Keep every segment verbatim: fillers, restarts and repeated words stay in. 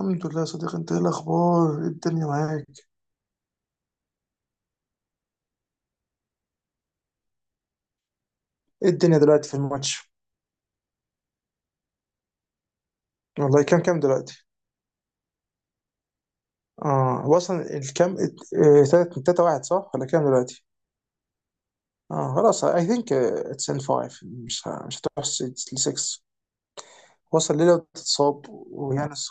الحمد لله يا صديقي، انت ايه الاخبار؟ ايه الدنيا معاك؟ ايه الدنيا دلوقتي في الماتش؟ والله كام كام دلوقتي؟ اه، هو اصلا الكام، اه، تلاتة تلاتة واحد صح، ولا كام دلوقتي؟ اه خلاص، اي ثينك اتس ان فايف. مش ه- مش هتروح ل ستة. وصل ليه لو تتصاب ويانس.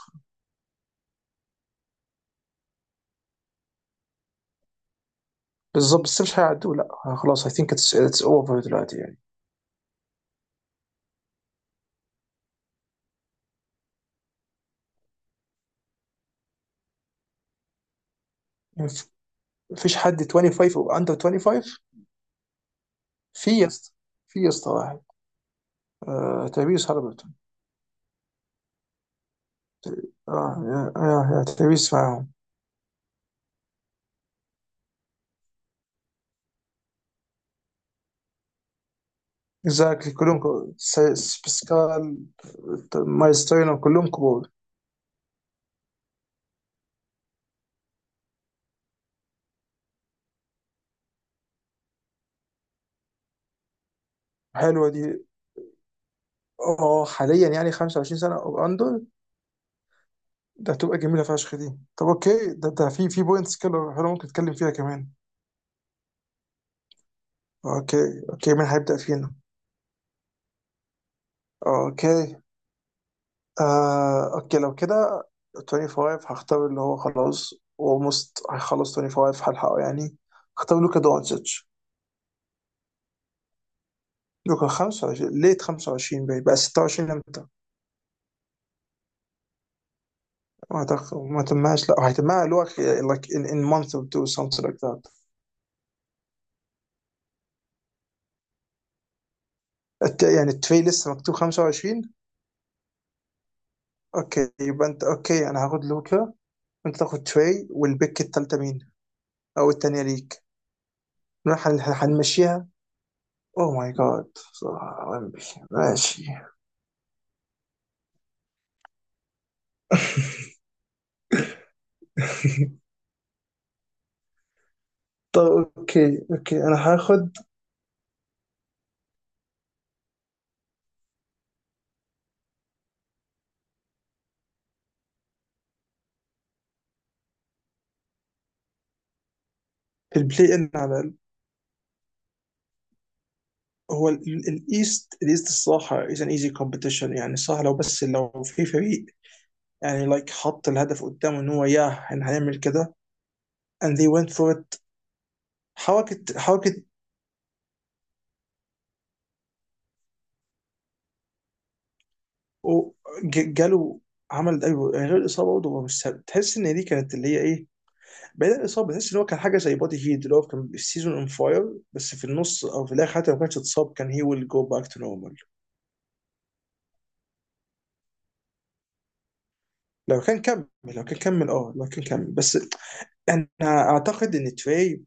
بالظبط، بس مش هيعدوا لا، اه، خلاص. اي ثينك اتس اتس اوفر دلوقتي يعني. مف- مفيش حد خمسة وعشرين او اندر خمسة وعشرين. في يا اسطى، في يا اسطى واحد. آه، تبيس هربت. اه، يا يا يا تبيس معاهم. اكزاكتلي، كلهم كبار. سايس- باسكال، مايلز تاينر، كلهم كبار. حلوه دي. اه، حاليا يعني خمسة وعشرين سنه او اندر. ده هتبقى جميله فشخ دي. طب اوكي، ده ده في في بوينتس كده حلوه، ممكن نتكلم فيها كمان. اوكي. اوكي، مين هيبدا فينا؟ اوكي. آه، اوكي لو كده خمسة وعشرين هختار اللي هو خلاص اولموست هيخلص. خمسة وعشرين هلحقه يعني. هختار لوكا دونتش. لوكا خمس وعشرين، ليت خمس وعشرين. بقى بقى ستة وعشرين امتى؟ ما أعتقد ما تمهاش، لا، هيتمها اللي هو like in, in month or two something like that. الت- يعني التري لسه مكتوب خمسة وعشرين. اوكي، يبقى انت اوكي، انا هاخد لوكا وانت تاخد تري، والبيك التالتة مين؟ او التانية ليك. نروح هن- هنمشيها. اوه ماي جاد. ماشي. طب اوكي، اوكي انا هاخد. البلاي ان على ال- هو ال- ال- الايست، الايست الصراحه از ان ايزي كومبيتيشن، يعني صح، لو بس لو في فريق، يعني لايك حط الهدف قدامه ان هو ياه احنا هنعمل كده. And they went for it. حركة حركة. و- ج- جاله. عمل ده يعني، غير الاصابه برضه هو مش سهل. تحس ان دي كانت اللي هي ايه، بعيد عن الاصابه، تحس ان هو كان حاجه زي بودي هيد اللي هو كان السيزون اون فاير، بس في النص او في الاخر، حتى لو ما كانش اتصاب، كان هي ويل جو باك تو نورمال. لو كان كمل، لو كان كمل، اه، لو كان كمل بس. انا اعتقد ان تري،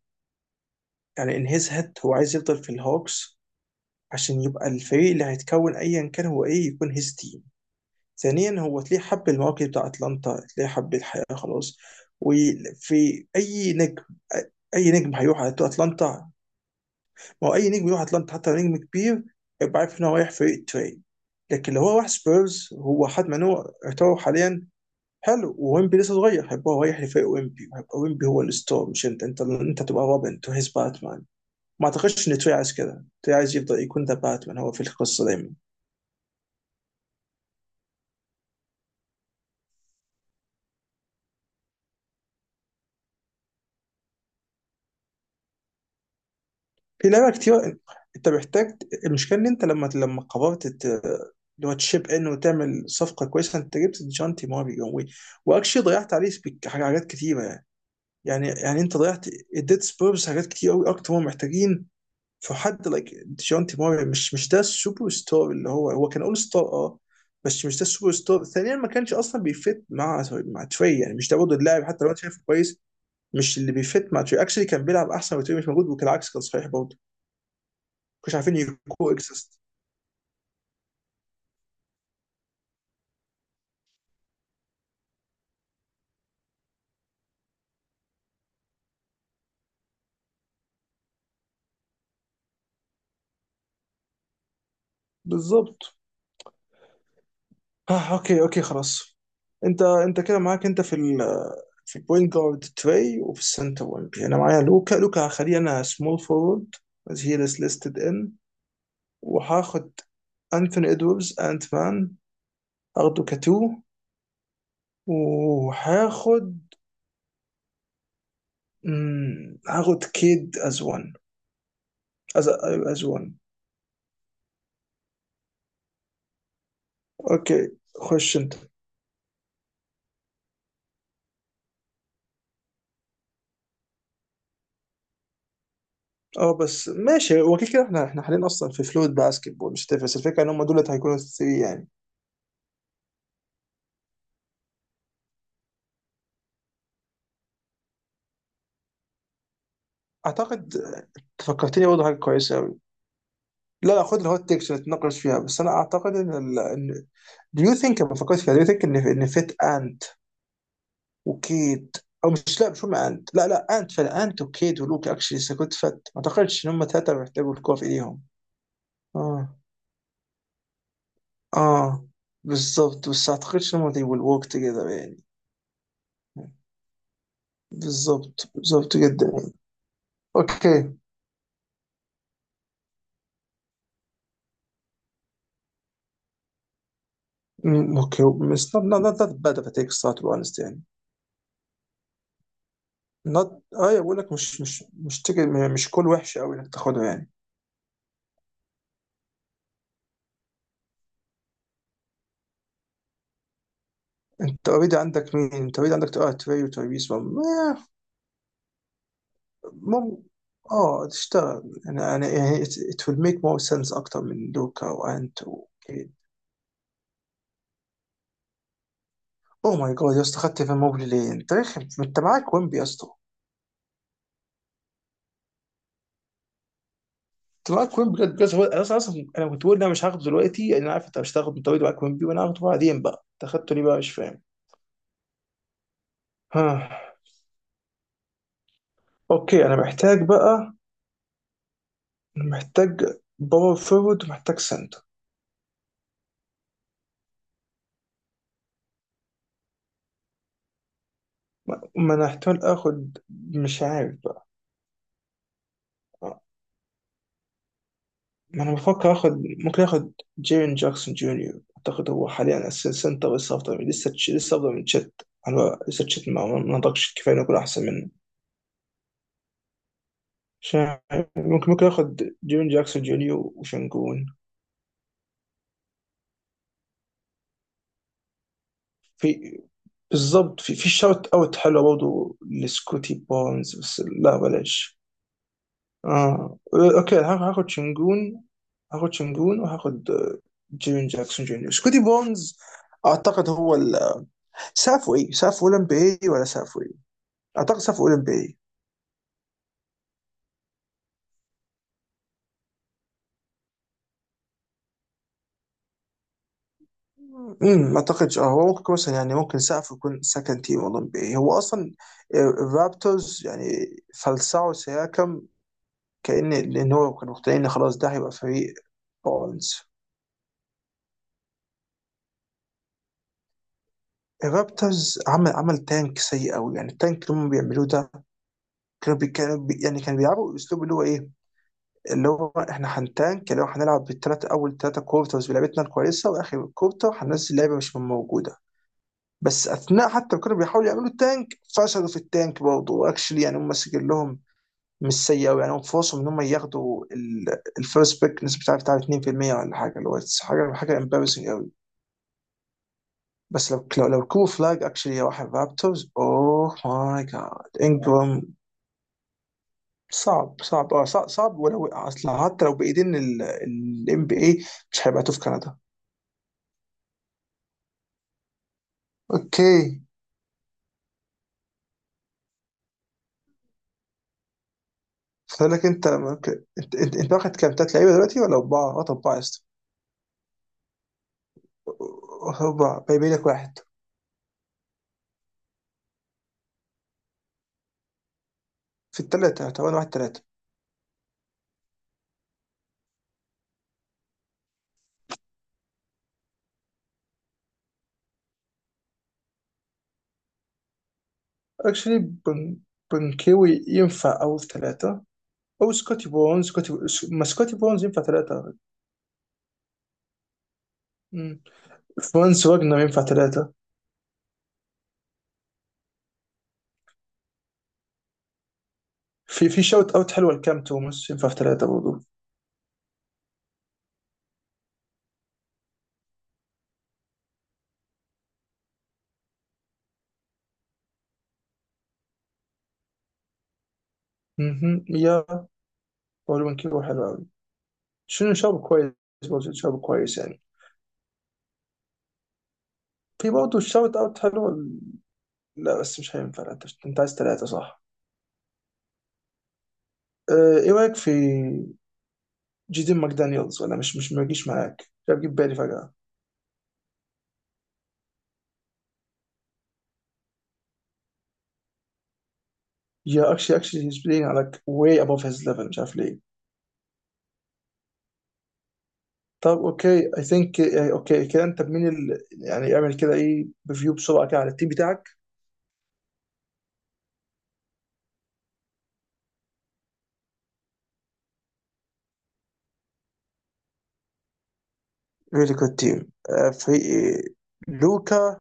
يعني ان هيز هيد هو عايز يفضل في الهوكس، عشان يبقى الفريق اللي هيتكون ايا كان، هو ايه، يكون هيز تيم. ثانيا، هو تلاقيه حب المواقف بتاع اتلانتا، تلاقيه حب الحياه خلاص. وفي اي نجم، اي نجم هيروح على اتلانتا، ما هو اي نجم يروح اتلانتا حتى لو نجم كبير، يبقى عارف ان هو رايح فريق تري. لكن لو هو راح سبيرز، هو حد من هو يعتبر حاليا حلو، وويمبي لسه صغير، هيبقى هو رايح لفريق ويمبي. هيبقى ويمبي هو الستار، مش انت. انت انت تبقى روبن تو هيز باتمان. ما اعتقدش ان تري عايز كده. تري عايز يفضل يكون ذا باتمان هو في القصه دايما. في لعبة كتير. انت محتاج. المشكلة ان انت لما لما قررت ت- اللي هو تشيب ان وتعمل صفقة كويسة، انت جبت جونتي ماريو و- واكشلي ضيعت عليه سبيك- حاجات كتيرة يعني. يعني يعني انت ضيعت، اديت سبيرز حاجات كتير قوي اكتر هم محتاجين. في حد لايك جونتي ماريو، مش مش ده السوبر ستار اللي هو هو كان اول ستار، اه، بس مش ده السوبر ستار. ثانيا، ما كانش اصلا بيفت مع مع تري، يعني مش ده برضه اللاعب حتى لو انت شايفه كويس. مش اللي بيفت مع تري. اكشلي كان بيلعب احسن وتري مش موجود، وكالعكس كان صحيح برضه. مش عارفين يكو اكزيست. بالظبط. آه، اوكي، اوكي خلاص. انت انت كده معاك، انت في ال، في البوينت جارد تري، وفي السنتر وينج انا معايا لوكا. لوكا هخليه انا سمول فورورد as he is listed in. وهاخد انثوني ادوردز، انت مان، هاخده كتو. وهاخد، مم، هاخد كيد از وان. از از وان. اوكي. خش انت. اه، بس ماشي، هو كده كده احنا احنا حاليا اصلا في فلويد باسكت بول، مش تفرس الفكره ان هم دول اللي هيكونوا الثري يعني. اعتقد فكرتني برضه حاجه كويسه قوي. لا لا، خد الهوت تيكس نتناقش فيها، بس انا اعتقد ان ال... ان دو يو ثينك لما فكرت فيها، دو يو ثينك ان ان فيت انت وكيد، او مش، لا مش هم انت، لا لا، انت فعلا انت وكيد ولوك اكشلي سكوت فت. ما اعتقدش ان هم ثلاثه بيحتاجوا الكوره في ايديهم. اه. اه، بالظبط، بس ما اعتقدش ان هم they will work together يعني. بالظبط، بالظبط جدا يعني. اوكي. مم، اوكي. مش not not not that bad of a take، الصراحه to be honest يعني. Not. ايوه، بقول لك مش مش مش تجي، مش كل وحش قوي انك تاخده يعني. انت اوريدي عندك مين؟ انت اوريدي عندك، اه، تري وتايبيس، مم. اه، تشتغل، انا انا يعني it, it will make more sense اكتر من لوكا وانت و... اوه ماي جاد يا اسطى، خدت في موبلي ليه؟ انت رخم، انت معاك ويمبي يا اسطى. انت معاك ويمبي بجد بجد. هو انا اصلا أصلاً انا كنت بقول إن انا مش هاخده دلوقتي، لأن انا عارف انت مش هتاخده. انت اوريدي معاك ويمبي، وانا هاخده بعدين بقى. انت خدته ليه بقى؟ مش فاهم. ها؟ اوكي، انا محتاج بقى، أنا محتاج باور فورورد ومحتاج سنتر. ما ما انا احتمال اخد، مش عارف بقى. ما انا بفكر اخد، ممكن اخد جيرين جاكسون جونيور. اعتقد هو حاليا اساسا سنتر. لسه افضل من- لسه تش- لسه افضل من تشيت. انا لسه تشيت ما ما نضجش كفايه انه يكون احسن منه. مش عارف. ممكن، ممكن اخد جيرين جاكسون جونيور وشنجون. في، بالظبط. في في شوت اوت حلو برضه لسكوتي بونز، بس لا بلاش. اه، اوكي، هاخ- هاخد شنجون. هاخد شنجون وهاخد، آه، جيرين جاكسون جونيور، سكوتي بونز. اعتقد هو ال- سافو ايه، سافو اولمبي إيه، ولا سافو ايه. اعتقد سافو اولمبي إيه. امم، ما اعتقدش، اه، هو ممكن مثلا يعني ممكن سقف يكون سكند تيم اولمبي إيه. هو اصلا الرابترز يعني فلسعوا سياكم، كأن لان هو كانوا مقتنعين إن خلاص ده هيبقى فريق بونز. الرابترز عمل عمل تانك سيء قوي. يعني التانك اللي هم بيعملوه ده، كانوا بي كانوا بي يعني كانوا بيلعبوا الاسلوب اللي هو ايه، اللي هو احنا هنتانك، اللي هو هنلعب بالثلاث اول ثلاثه كورترز بلعبتنا الكويسه، واخر كورتر هننزل لعيبه مش موجوده. بس اثناء حتى ما كانوا بيحاولوا يعملوا التانك، فشلوا في التانك برضه. واكشلي يعني هم سجل لهم مش سيء قوي يعني. هم فرصهم ان هم ياخدوا الفيرست بيك نسبه بتاع بتاع اتنين في المية ولا حاجه، اللي هو حاجه، حاجه امبارسنج قوي. بس لو، لو كو فلاج اكشلي راح الرابترز، اوه ماي جاد. انجرام صعب. صعب، اه، صعب، صعب. ولو اصل حتى لو بايدين، الام بي اي مش هيبقى في كندا. اوكي. فقال لك انت ممكن، انت انت, انت واخد كام تلات لعيبه دلوقتي ولا اربعه؟ واخد اربعه يا اسطى. اربعه، باقي لك واحد. في الثلاثه، طب انا واحد ثلاثه. اكشلي بن بنكيوي ينفع او في ثلاثه، او سكوتي بونز. سكوتي ما سكوتي بونز ينفع ثلاثه. مم. فرانس واجنر ينفع ثلاثه. في في شوت اوت حلوه لكام توماس ينفع في ثلاثه برضه. مهم. يا بولو بنكيوي حلو قوي. شنو شاب كويس، برضه شاب كويس يعني. في برضه الشوت اوت حلو. لا بس مش هينفع، لا، انت أنت عايز ثلاثة صح؟ آه، ايه رايك في جيدين ماكدانيالز؟ ولا مش مش ما يجيش معاك؟ مش عارف، جيب بالي فجأة. يا، اكشلي، اكشلي هيز بلاينج على واي ابوف هيز ليفل، مش عارف ليه. طب اوكي، اي ثينك اوكي كده. انت بمين ال... يعني اعمل كده، ايه، ريفيو بسرعة كده على التيم بتاعك. ريلي جود تيم. فريق لوكا،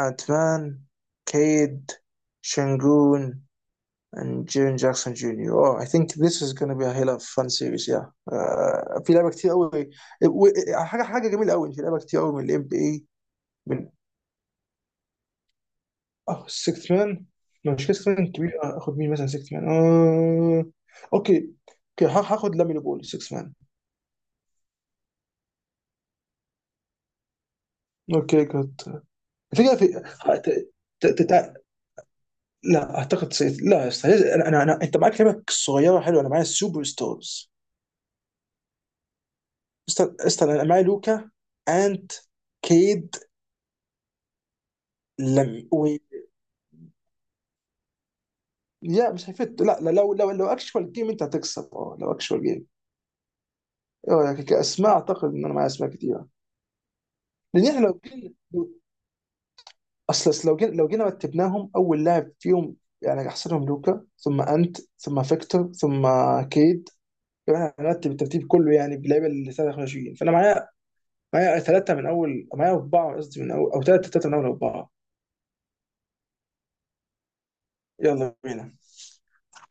انت مان، كيد، شنجون and Jaren Jackson جونيور Oh, I think this is gonna be a hell of a fun series, yeah. آه، في لعبة كتير قوي. و- حاجة حاجة جميلة قوي إن في لعبة كتير قوي من ال إن بي إيه. من، اه، ستة مان. مش كده ستة مان كبير. آه، اخد مين مثلا ستة مان؟ آه... اوكي. اوكي ه- هاخد لامين بول ستة مان. اوكي جود. الفكرة في ه- ت- ت- ت- لا اعتقد سيت... لا يا أستاذ، انا انا أنا- انت معاك لعبة صغيرة حلوة، انا معايا سوبر ستارز. استنى استنى، انا معايا لوكا. انت، كيد. لم لا مش هيفت، لا لا. لو لو لو اكشوال جيم انت هتكسب. اه، لو اكشوال جيم. اه، يعني كاسماء اعتقد ان انا معايا اسماء كتيره. لان احنا لو جينا، اصل أصل لو جينا، لو جينا رتبناهم اول لاعب فيهم. يعني احسنهم لوكا ثم انت ثم فيكتور ثم كيد. يعني احنا هنرتب الترتيب كله يعني باللعيبه اللي ثلاثة وعشرين. فانا معايا، معايا ثلاثه من اول، معايا اربعه قصدي، من اول، او ثلاثه، ثلاثه من اول اربعه. يلا بينا.